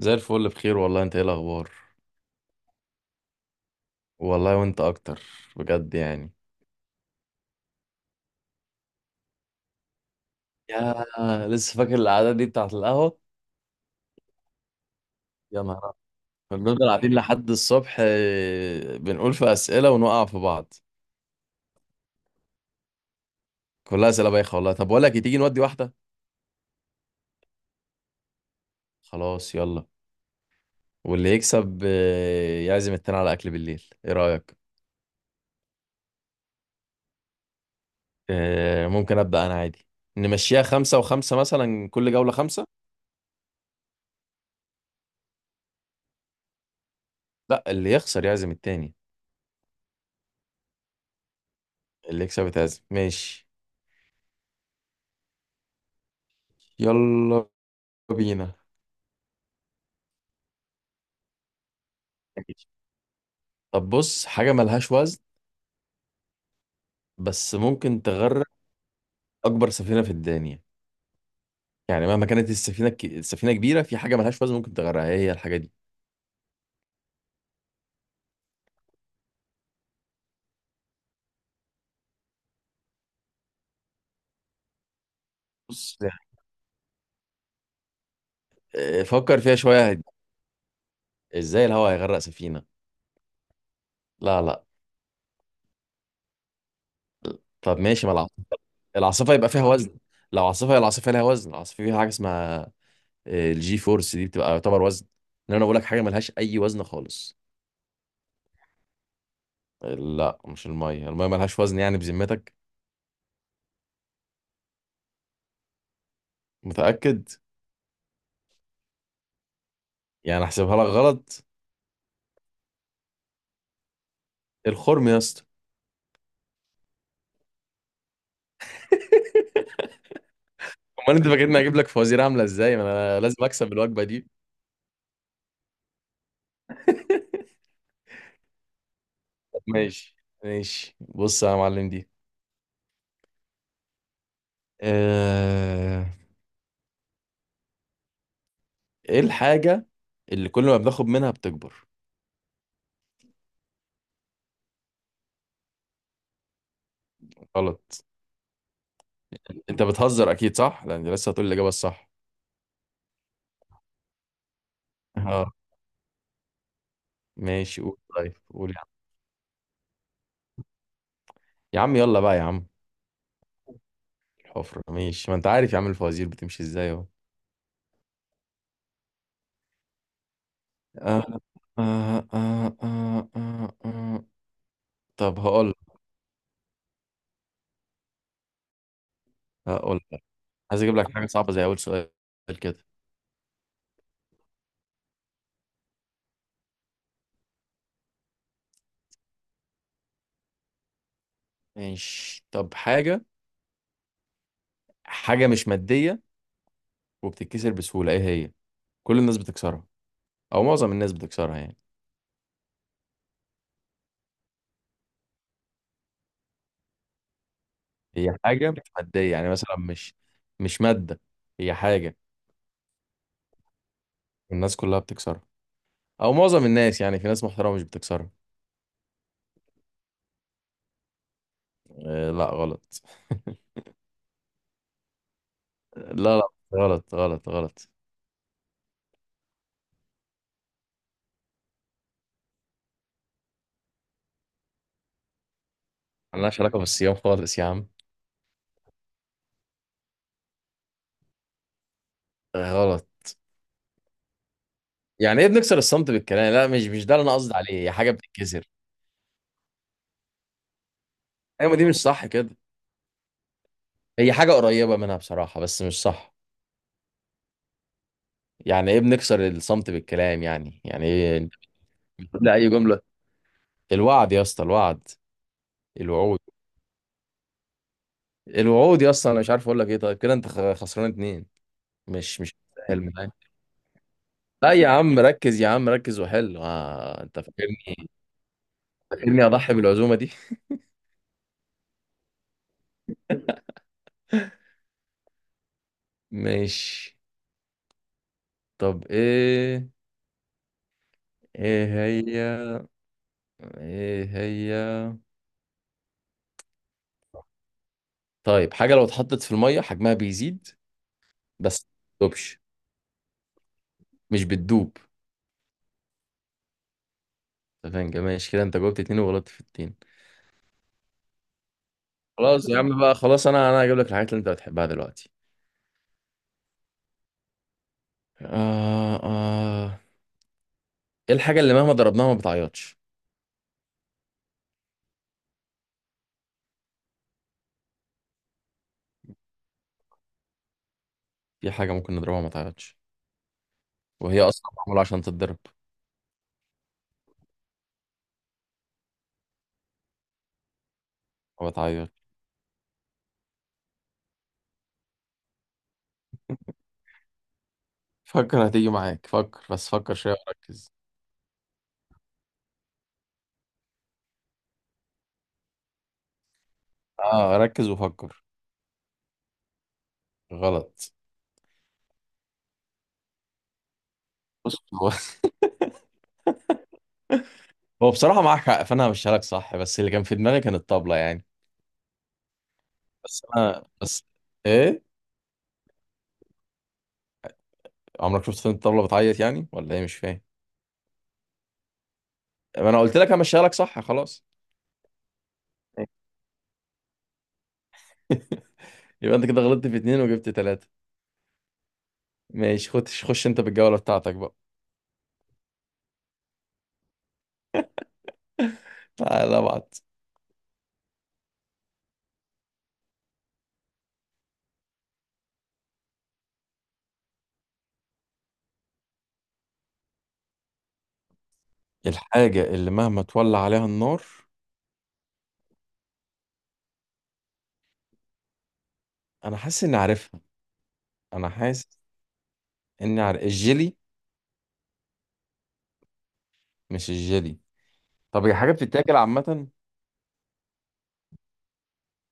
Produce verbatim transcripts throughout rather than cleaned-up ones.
زي الفل، بخير والله. انت ايه الاخبار؟ والله وانت اكتر، بجد يعني. يا، لسه فاكر القعده دي بتاعت القهوه؟ يا نهار أبيض. كنا بنفضل قاعدين لحد الصبح، آه، بنقول في اسئله ونقع في بعض. كلها اسئله بايخه والله. طب بقول لك إيه، تيجي نودي واحده؟ خلاص يلا. واللي يكسب آه، يعزم التاني على اكل بالليل، ايه رايك؟ آه، ممكن ابدا انا عادي. نمشيها خمسه وخمسه مثلا، كل جوله خمسه. لا، اللي يخسر يعزم التاني. اللي يكسب يتعزم، ماشي. يلا بينا. طب، بص، حاجة ملهاش وزن بس ممكن تغرق أكبر سفينة في الدنيا. يعني مهما كانت السفينة ك... السفينة كبيرة، في حاجة ملهاش وزن ممكن تغرقها، هي الحاجة دي. بص يعني، آه، فكر فيها شوية. هت- إزاي الهواء هيغرق سفينة؟ لا لا. طب ماشي، ما العاصفة. العاصفة يبقى فيها وزن. لو عاصفة، هي العاصفة ليها وزن. العاصفة فيها حاجة اسمها آه، الجي فورس، دي بتبقى يعتبر وزن. إن أنا بقول لك حاجة ملهاش أي وزن خالص. آه، لا، مش المية. المية ملهاش وزن يعني، بذمتك؟ متأكد؟ يعني أحسبها لك غلط؟ الخرم يا اسطى. امال انت فاكرني هجيب لك فوازير عامله ازاي؟ ما انا لازم اكسب الوجبه دي. طب ماشي. ماشي، بص يا معلم دي، آه، ايه الحاجه اللي كل ما بناخد منها بتكبر؟ غلط. انت بتهزر اكيد، صح؟ لان لسه هتقول الاجابه الصح. اه. ماشي، قول طيب، قول يا عم. يا عم، يلا بقى يا عم. الحفرة ماشي، ما انت عارف يا عم الفوازير بتمشي ازاي اهو. آه، آه، آه، آه، آه، آه. طب هقول هقول عايز اجيب لك حاجه صعبه زي اول سؤال كده. ماشي، طب حاجة حاجة مش مادية وبتتكسر بسهولة، ايه هي؟ كل الناس بتكسرها، او معظم الناس بتكسرها يعني. هي حاجة مش مادية، يعني مثلا مش مش مادة، هي حاجة. الناس كلها بتكسرها، او معظم الناس يعني، في ناس محترمة مش بتكسرها. آه، لا غلط. لا لا، غلط غلط غلط. ملهاش علاقة بالصيام خالص يا عم. آه، غلط. يعني ايه بنكسر الصمت بالكلام؟ لا، مش مش ده اللي انا قصدي عليه، هي حاجة بتتكسر. ايوه، ما دي مش صح كده. هي حاجة قريبة منها بصراحة بس مش صح. يعني ايه بنكسر الصمت بالكلام؟ يعني يعني ايه؟ لا. اي جمله. الوعد يا اسطى، الوعد. الوعود. الوعود يا اسطى، انا مش عارف اقول لك ايه. طيب كده انت خ- خسران اتنين. مش مش حلم معايا. لا يا عم، ركز يا عم، ركز وحل. آه انت فاكرني فاكرني اضحي بالعزومه دي؟ ماشي. طب ايه، ايه هي، ايه هي؟ طيب، حاجه لو اتحطت في الميه حجمها بيزيد بس ما بتدوبش، مش بتدوب. تمام، ماشي كده. انت جاوبت اتنين وغلطت في التاني. خلاص يا عم بقى، خلاص، انا انا هجيب لك الحاجات اللي انت بتحبها دلوقتي. آه، آه، ايه الحاجة اللي مهما ضربناها ما بتعيطش؟ في حاجة ممكن نضربها ما تعيطش، وهي اصلا معمولة عشان تتضرب، ما بتعيطش. فكر، هتيجي معاك. فكر بس، فكر شوية وركز. اه، ركز وفكر. غلط. بص، هو هو بصراحة معاك حق، فانا همشيها لك صح. بس اللي كان في دماغي كان الطبلة يعني. بس انا بس، ايه؟ عمرك شفت فين الطبلة بتعيط يعني؟ ولا ايه؟ مش فاهم. ما انا قلت لك همشيها لك صح، خلاص. يبقى انت كده غلطت في اتنين وجبت تلاتة. ماشي، خش خش انت بالجولة بتاعتك بقى. تعالى ابعت. الحاجة اللي مهما تولع عليها النار. انا حاسس اني عارفها، انا حاسس اني عارف الجيلي. مش الجيلي. طب هي حاجة بتتاكل عامة؟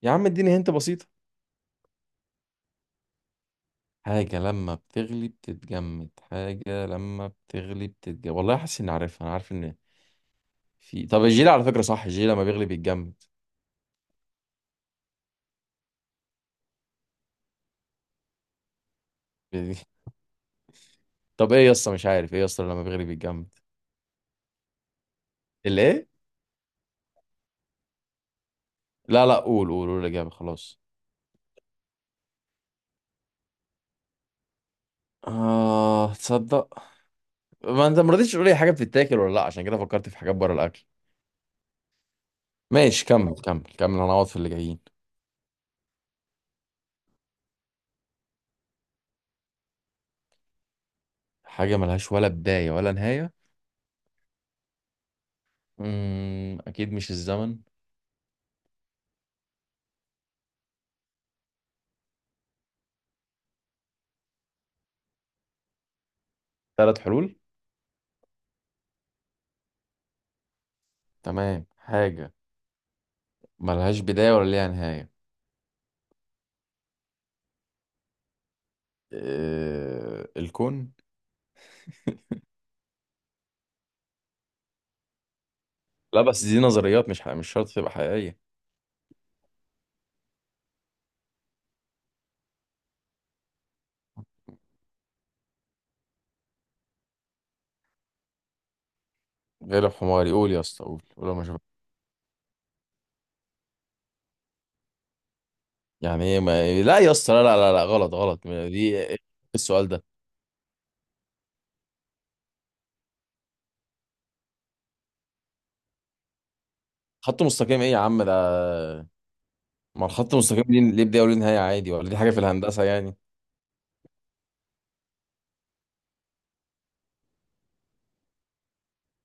يا عم اديني، هنت بسيطة. حاجة لما بتغلي بتتجمد، حاجة لما بتغلي بتتجمد، والله حاسس اني عارفها، انا عارف ان، في، طب الجيلي على فكرة صح، الجيلي لما بيغلي بيتجمد. طب ايه يا اسطى مش عارف، ايه يا اسطى لما بيغلي بيتجمد؟ الايه؟ لا لا، قول قول قول الإجابة، خلاص. آه، تصدق؟ ما انت ما رضيتش تقول لي حاجه بتتاكل ولا لا، عشان كده فكرت في حاجات بره الاكل. ماشي، كمل كمل كمل، هنقعد في اللي جايين. حاجه ملهاش ولا بدايه ولا نهايه. امم اكيد مش الزمن. ثلاث حلول؟ تمام، حاجه ملهاش بدايه ولا ليها نهايه. أه... الكون. لا بس دي نظريات، مش ح... مش شرط تبقى حقيقيه. غير الحمار يقول. يا اسطى، قول قول ما شوف. يعني ايه؟ ما... لا يا اسطى، لا لا لا لا، غلط غلط. دي إيه السؤال ده؟ خط مستقيم ايه يا عم ده؟ ما الخط المستقيم ليه ليه بداية وليه نهاية عادي، ولا دي حاجة في الهندسة يعني؟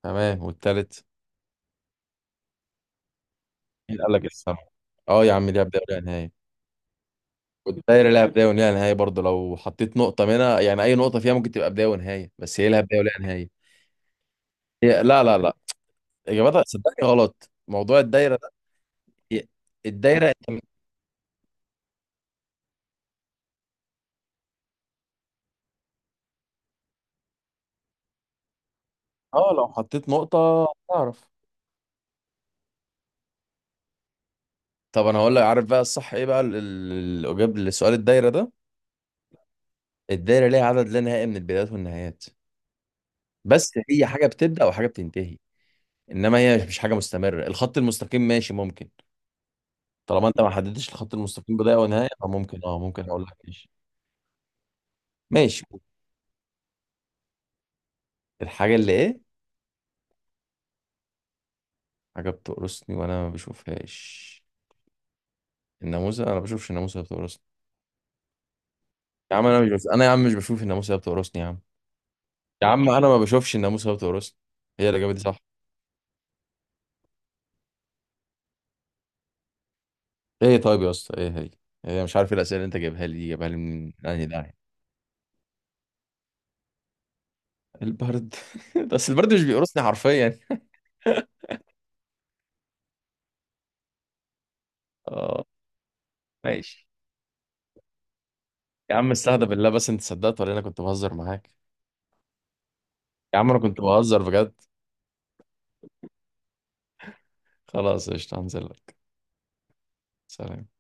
تمام، والتالت؟ مين قال لك السما؟ اه يا عم، ليها بداية وليها نهاية. والدايرة ليها بداية وليها نهاية برضه، لو حطيت نقطة منها يعني، أي نقطة فيها ممكن تبقى بداية ونهاية، بس هي لها بداية وليها نهاية. هي لا لا لا. إجابتها صدقني غلط، موضوع الدايرة ده. هي- الدايرة أنت من- اه، لو حطيت نقطة تعرف. طب أنا هقول لك، عارف بقى الصح إيه بقى ال- ال- الإجابة لسؤال الدايرة ده. الدايرة ليها عدد لا نهائي من البدايات والنهايات. بس هي حاجة بتبدأ وحاجة بتنتهي. انما هي مش حاجه مستمره. الخط المستقيم ماشي، ممكن. طالما انت ما حددتش الخط المستقيم بدايه ونهايه، فممكن اه ممكن اقول لك ماشي. ماشي. الحاجه اللي ايه؟ حاجه بتقرصني وانا ما بشوفهاش. الناموسه، انا ما بشوفش الناموسه، هي بتقرصني. يا عم، انا مش بشوف، انا يا عم مش بشوف الناموسه، هي بتقرصني يا عم. يا عم، انا ما بشوفش الناموسه، هي بتقرصني. هي الاجابه دي صح؟ ايه طيب يا اسطى، ايه هي؟ هي مش عارف إيه الاسئله اللي انت جايبها لي دي، جايبها لي من انهي داعي؟ البرد. بس البرد مش بيقرصني حرفيا. اه، ماشي. يا عم استهدى بالله، بس انت صدقت ولا انا كنت بهزر معاك؟ يا عم انا كنت بهزر بجد. خلاص، قشطة، هنزل لك. سلام.